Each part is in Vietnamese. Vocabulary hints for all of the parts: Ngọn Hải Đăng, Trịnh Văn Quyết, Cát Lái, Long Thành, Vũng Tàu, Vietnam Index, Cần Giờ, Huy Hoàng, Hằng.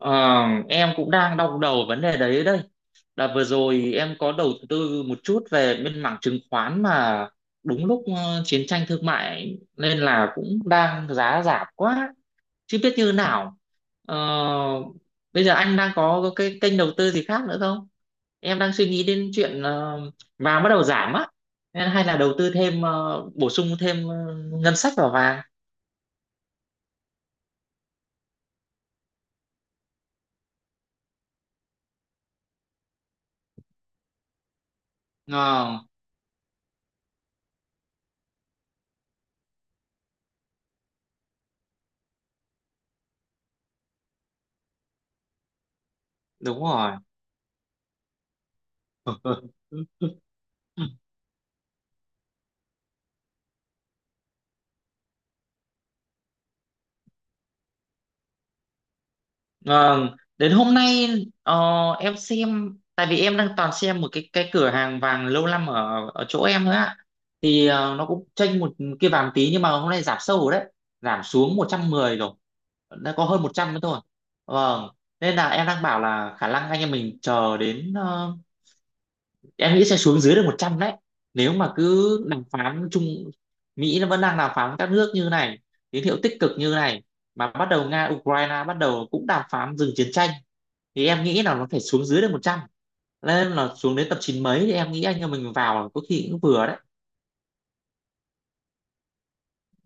Ờ, em cũng đang đau đầu vấn đề đấy đây. Là vừa rồi em có đầu tư một chút về bên mảng chứng khoán mà đúng lúc chiến tranh thương mại nên là cũng đang giá giảm quá, chứ biết như nào. Ờ, Bây giờ anh đang có cái kênh đầu tư gì khác nữa không? Em đang suy nghĩ đến chuyện vàng bắt đầu giảm á, nên hay là đầu tư thêm bổ sung thêm ngân sách vào vàng. Ờ, đúng rồi. Vâng, đến hôm nay ờ, em xem tại vì em đang toàn xem một cái cửa hàng vàng lâu năm ở ở chỗ em nữa ạ. Thì nó cũng chênh một kia vàng tí nhưng mà hôm nay giảm sâu rồi đấy, giảm xuống 110 rồi. Đã có hơn 100 nữa thôi. Vâng, nên là em đang bảo là khả năng anh em mình chờ đến em nghĩ sẽ xuống dưới được 100 đấy. Nếu mà cứ đàm phán chung Mỹ nó vẫn đang đàm phán với các nước như này, tín hiệu tích cực như này mà bắt đầu Nga Ukraine bắt đầu cũng đàm phán dừng chiến tranh thì em nghĩ là nó phải xuống dưới được một trăm, nên là xuống đến tập chín mấy thì em nghĩ anh em mình vào có khi cũng vừa đấy.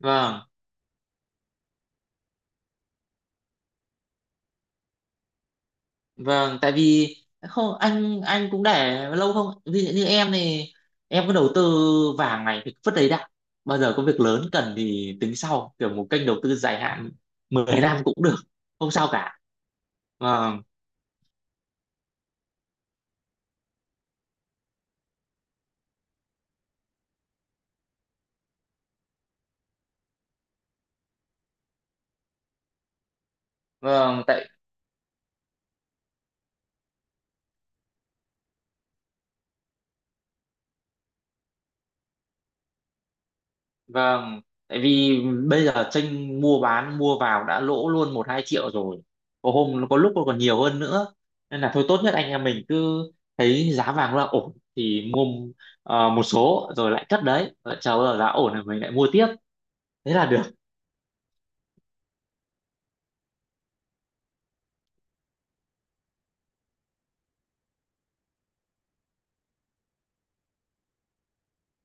Vâng, vâng, tại vì không anh cũng để lâu không, ví dụ như em này em cứ đầu tư vàng này thì vứt đấy đã, bao giờ có việc lớn cần thì tính sau, kiểu một kênh đầu tư dài hạn 10 năm cũng được, không sao cả. Vâng, vâng, Vâng, tại vì bây giờ tranh mua bán mua vào đã lỗ luôn 1-2 triệu rồi. Có hôm có lúc nó còn nhiều hơn nữa. Nên là thôi tốt nhất anh em mình cứ thấy giá vàng là ổn thì mua một số rồi lại cất đấy, lại chờ bao giờ giá ổn rồi mình lại mua tiếp. Thế là được.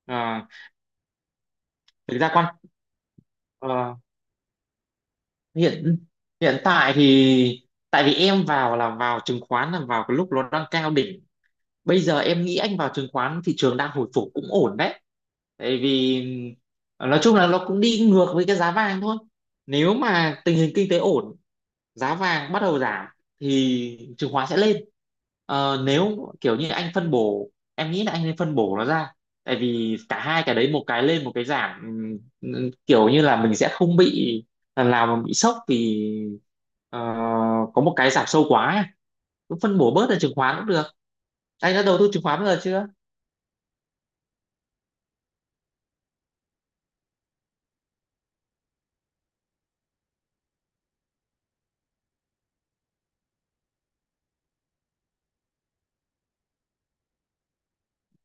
À, thực ra con ờ, hiện hiện tại thì tại vì em vào là vào chứng khoán là vào cái lúc nó đang cao đỉnh, bây giờ em nghĩ anh vào chứng khoán thị trường đang hồi phục cũng ổn đấy, tại vì nói chung là nó cũng đi ngược với cái giá vàng thôi. Nếu mà tình hình kinh tế ổn giá vàng bắt đầu giảm thì chứng khoán sẽ lên. Nếu kiểu như anh phân bổ em nghĩ là anh nên phân bổ nó ra, tại vì cả hai cái đấy một cái lên một cái giảm, kiểu như là mình sẽ không bị lần nào mà bị sốc vì ờ, có một cái giảm sâu quá ấy. Cứ phân bổ bớt ra chứng khoán cũng được. Anh đã đầu tư chứng khoán bao giờ chưa?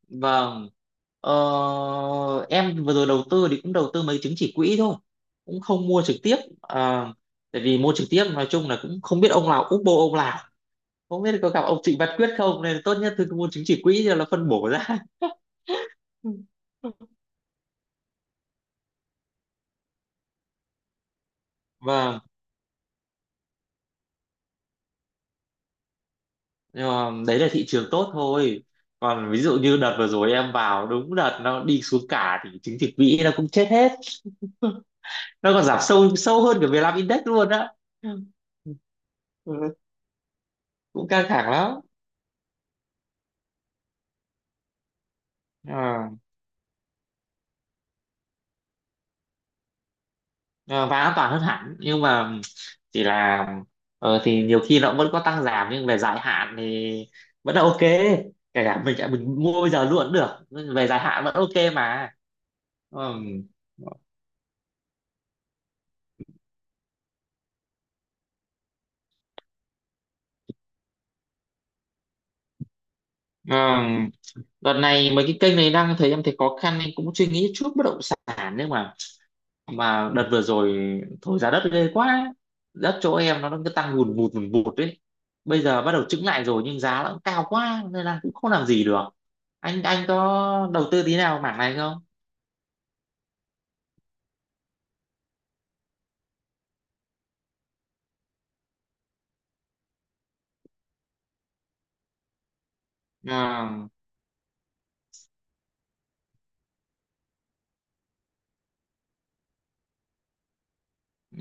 Vâng. Ờ, em vừa rồi đầu tư thì cũng đầu tư mấy chứng chỉ quỹ thôi, cũng không mua trực tiếp. Ờ, Tại vì mua trực tiếp nói chung là cũng không biết ông nào úp bô ông nào, không biết có gặp ông Trịnh Văn Quyết không, nên tốt nhất thì cứ mua chứng chỉ quỹ cho nó phân bổ ra. Vâng, nhưng mà đấy là thị trường tốt thôi. Còn ví dụ như đợt vừa rồi em vào đúng đợt nó đi xuống cả thì chứng chỉ quỹ nó cũng chết hết. Nó còn giảm sâu sâu hơn cả Vietnam Index luôn á. Ừ, cũng căng thẳng lắm. Ờ. Ờ, và an toàn hơn hẳn nhưng mà chỉ là thì nhiều khi nó vẫn có tăng giảm nhưng về dài hạn thì vẫn là ok, kể cả mình mua bây giờ luôn cũng được nhưng về dài hạn vẫn ok mà. Ừm. Ừm, Đợt này mấy cái kênh này đang thấy em thấy khó khăn nên cũng suy nghĩ chút bất động sản, nhưng mà đợt vừa rồi thổi giá đất ghê quá. Đất chỗ em nó cứ tăng hùn vụt đấy, bây giờ bắt đầu chững lại rồi nhưng giá nó cũng cao quá nên là cũng không làm gì được. Anh có đầu tư tí nào mảng này không? à,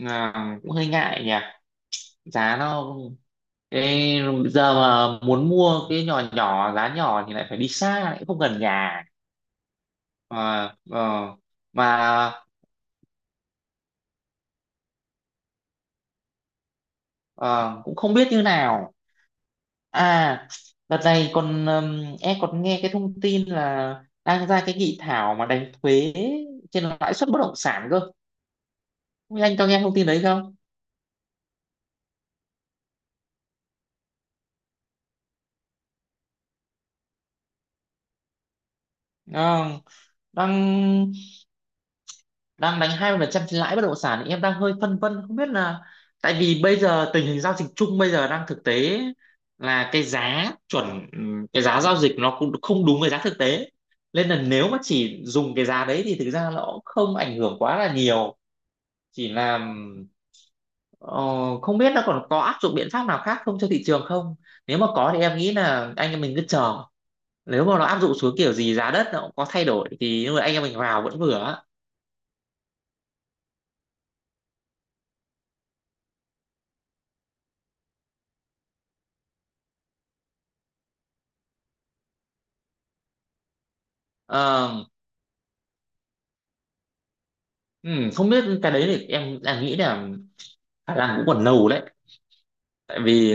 Cũng hơi ngại nhỉ. Giá nó cái giờ mà muốn mua cái nhỏ nhỏ giá nhỏ thì lại phải đi xa, lại không gần nhà, mà ờ, mà ờ, cũng không biết như nào. À, đợt này còn em còn nghe cái thông tin là đang ra cái nghị thảo mà đánh thuế trên lãi suất bất động sản cơ. Không biết anh có nghe thông tin đấy không? Ờ, đang đang đánh 20% trên lãi bất động sản thì em đang hơi phân vân không biết là, tại vì bây giờ tình hình giao dịch chung bây giờ đang thực tế là cái giá chuẩn, cái giá giao dịch nó cũng không đúng với giá thực tế. Nên là nếu mà chỉ dùng cái giá đấy thì thực ra nó cũng không ảnh hưởng quá là nhiều, chỉ là. Ờ, Không biết nó còn có áp dụng biện pháp nào khác không cho thị trường không? Nếu mà có thì em nghĩ là anh em mình cứ chờ. Nếu mà nó áp dụng xuống kiểu gì giá đất nó cũng có thay đổi thì lúc đấy anh em mình vào vẫn vừa á. Ờ, Không biết cái đấy thì em nghĩ là khả năng cũng còn lâu đấy. Tại vì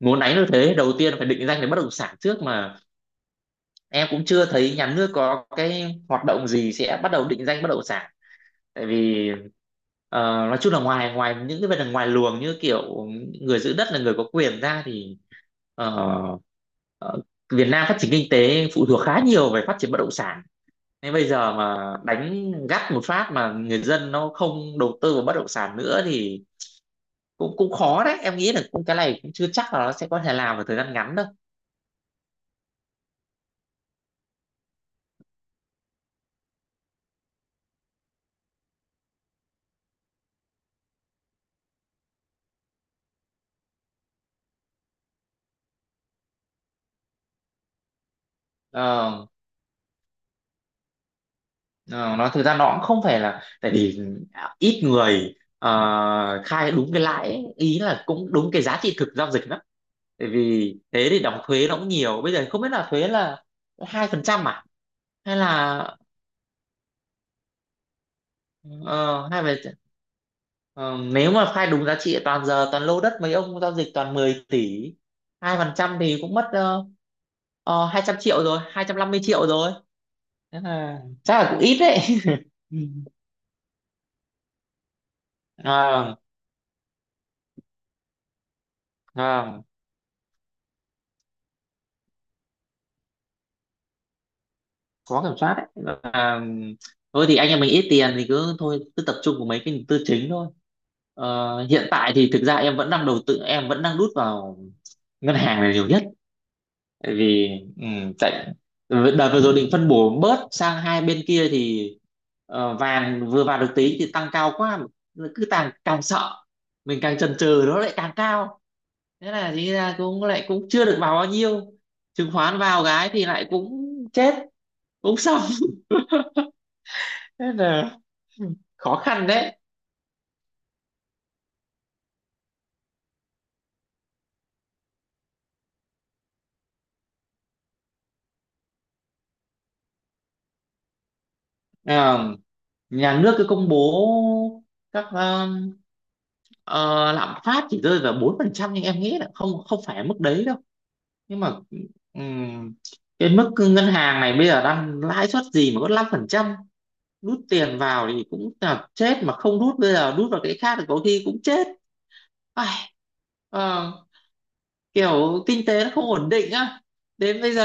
muốn đánh được thế đầu tiên phải định danh về bất động sản trước, mà em cũng chưa thấy nhà nước có cái hoạt động gì sẽ bắt đầu định danh bất động sản, tại vì ờ, nói chung là ngoài ngoài những cái vấn đề ngoài luồng như kiểu người giữ đất là người có quyền ra thì ờ, ờ, Việt Nam phát triển kinh tế phụ thuộc khá nhiều về phát triển bất động sản, nên bây giờ mà đánh gắt một phát mà người dân nó không đầu tư vào bất động sản nữa thì cũng cũng khó đấy, em nghĩ là cũng cái này cũng chưa chắc là nó sẽ có thể làm vào thời gian ngắn đâu. Ờ, Ờ, nó thực ra nó cũng không phải là, tại vì ít người khai đúng cái lãi ấy. Ý là cũng đúng cái giá trị thực giao dịch lắm, tại vì thế thì đóng thuế nó cũng nhiều. Bây giờ không biết là thuế là 2% à hay là ờ, hai phần ờ, nếu mà khai đúng giá trị toàn giờ toàn lô đất mấy ông giao dịch toàn 10 tỷ, 2% thì cũng mất 200 triệu rồi 250 triệu rồi, thế là chắc là cũng ít đấy. À, khó kiểm soát đấy. Và thôi thì anh em mình ít tiền thì cứ thôi cứ tập trung vào mấy cái tư chính thôi. Hiện tại thì thực ra em vẫn đang đầu tư, em vẫn đang đút vào ngân hàng là nhiều nhất, tại vì ừ, tại đợt vừa rồi định phân bổ bớt sang hai bên kia thì vàng vừa vào được tí thì tăng cao quá, cứ càng càng sợ mình càng chần chừ nó lại càng cao, thế là thì ra cũng lại cũng chưa được vào bao nhiêu. Chứng khoán vào cái thì lại cũng chết, cũng sợ, thế là ừ, khó khăn đấy. À, nhà nước cứ công bố các ờ, lạm phát chỉ rơi vào 4% nhưng em nghĩ là không không phải mức đấy đâu. Nhưng mà ừm, cái mức ngân hàng này bây giờ đang lãi suất gì mà có 5%, rút tiền vào thì cũng là chết, mà không rút bây giờ rút vào cái khác thì có khi cũng chết. Ai, ờ, kiểu kinh tế nó không ổn định á. Đến bây giờ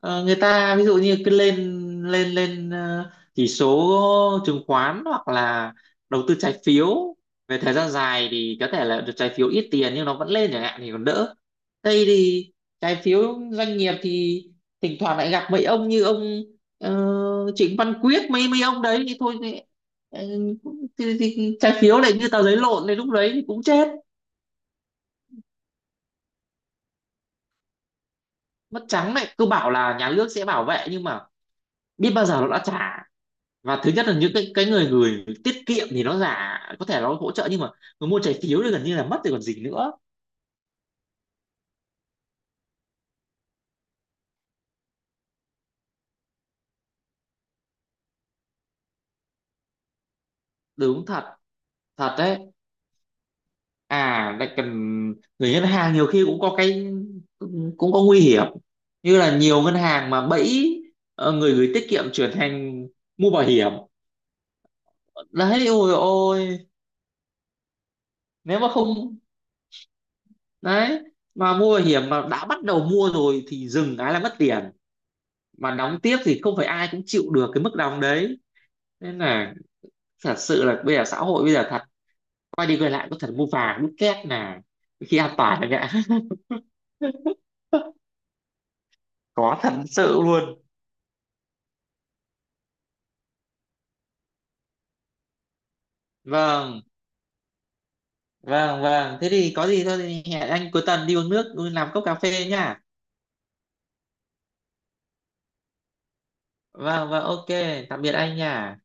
người ta ví dụ như cứ lên lên lên ờ, chỉ số chứng khoán hoặc là đầu tư trái phiếu, về thời gian dài thì có thể là được trái phiếu ít tiền nhưng nó vẫn lên chẳng hạn thì còn đỡ. Đây thì trái phiếu doanh nghiệp thì thỉnh thoảng lại gặp mấy ông như ông ờ, Trịnh Văn Quyết, mấy mấy ông đấy thì thôi thì, ờ, thì, trái phiếu lại như tờ giấy lộn thì lúc đấy thì cũng chết. Mất trắng đấy, cứ bảo là nhà nước sẽ bảo vệ nhưng mà biết bao giờ nó đã trả. Và thứ nhất là những cái người người tiết kiệm thì nó giả có thể nó hỗ trợ, nhưng mà người mua trái phiếu thì gần như là mất rồi còn gì nữa. Đúng thật, thật đấy. À lại cần người ngân hàng nhiều khi cũng có cái cũng có nguy hiểm, như là nhiều ngân hàng mà bẫy người gửi tiết kiệm chuyển thành mua bảo hiểm. Đấy ôi ôi, nếu mà không đấy mà mua bảo hiểm mà đã bắt đầu mua rồi thì dừng cái là mất tiền, mà đóng tiếp thì không phải ai cũng chịu được cái mức đóng đấy. Nên là thật sự là bây giờ xã hội bây giờ thật, quay đi quay lại có thật mua vàng đúc két là khi an toàn là ngã. Có thật sự luôn. Vâng, vâng, vâng, thế thì có gì thôi thì hẹn anh cuối tuần đi uống nước đi làm cốc cà phê nha. Vâng, vâng, ok, tạm biệt anh nha.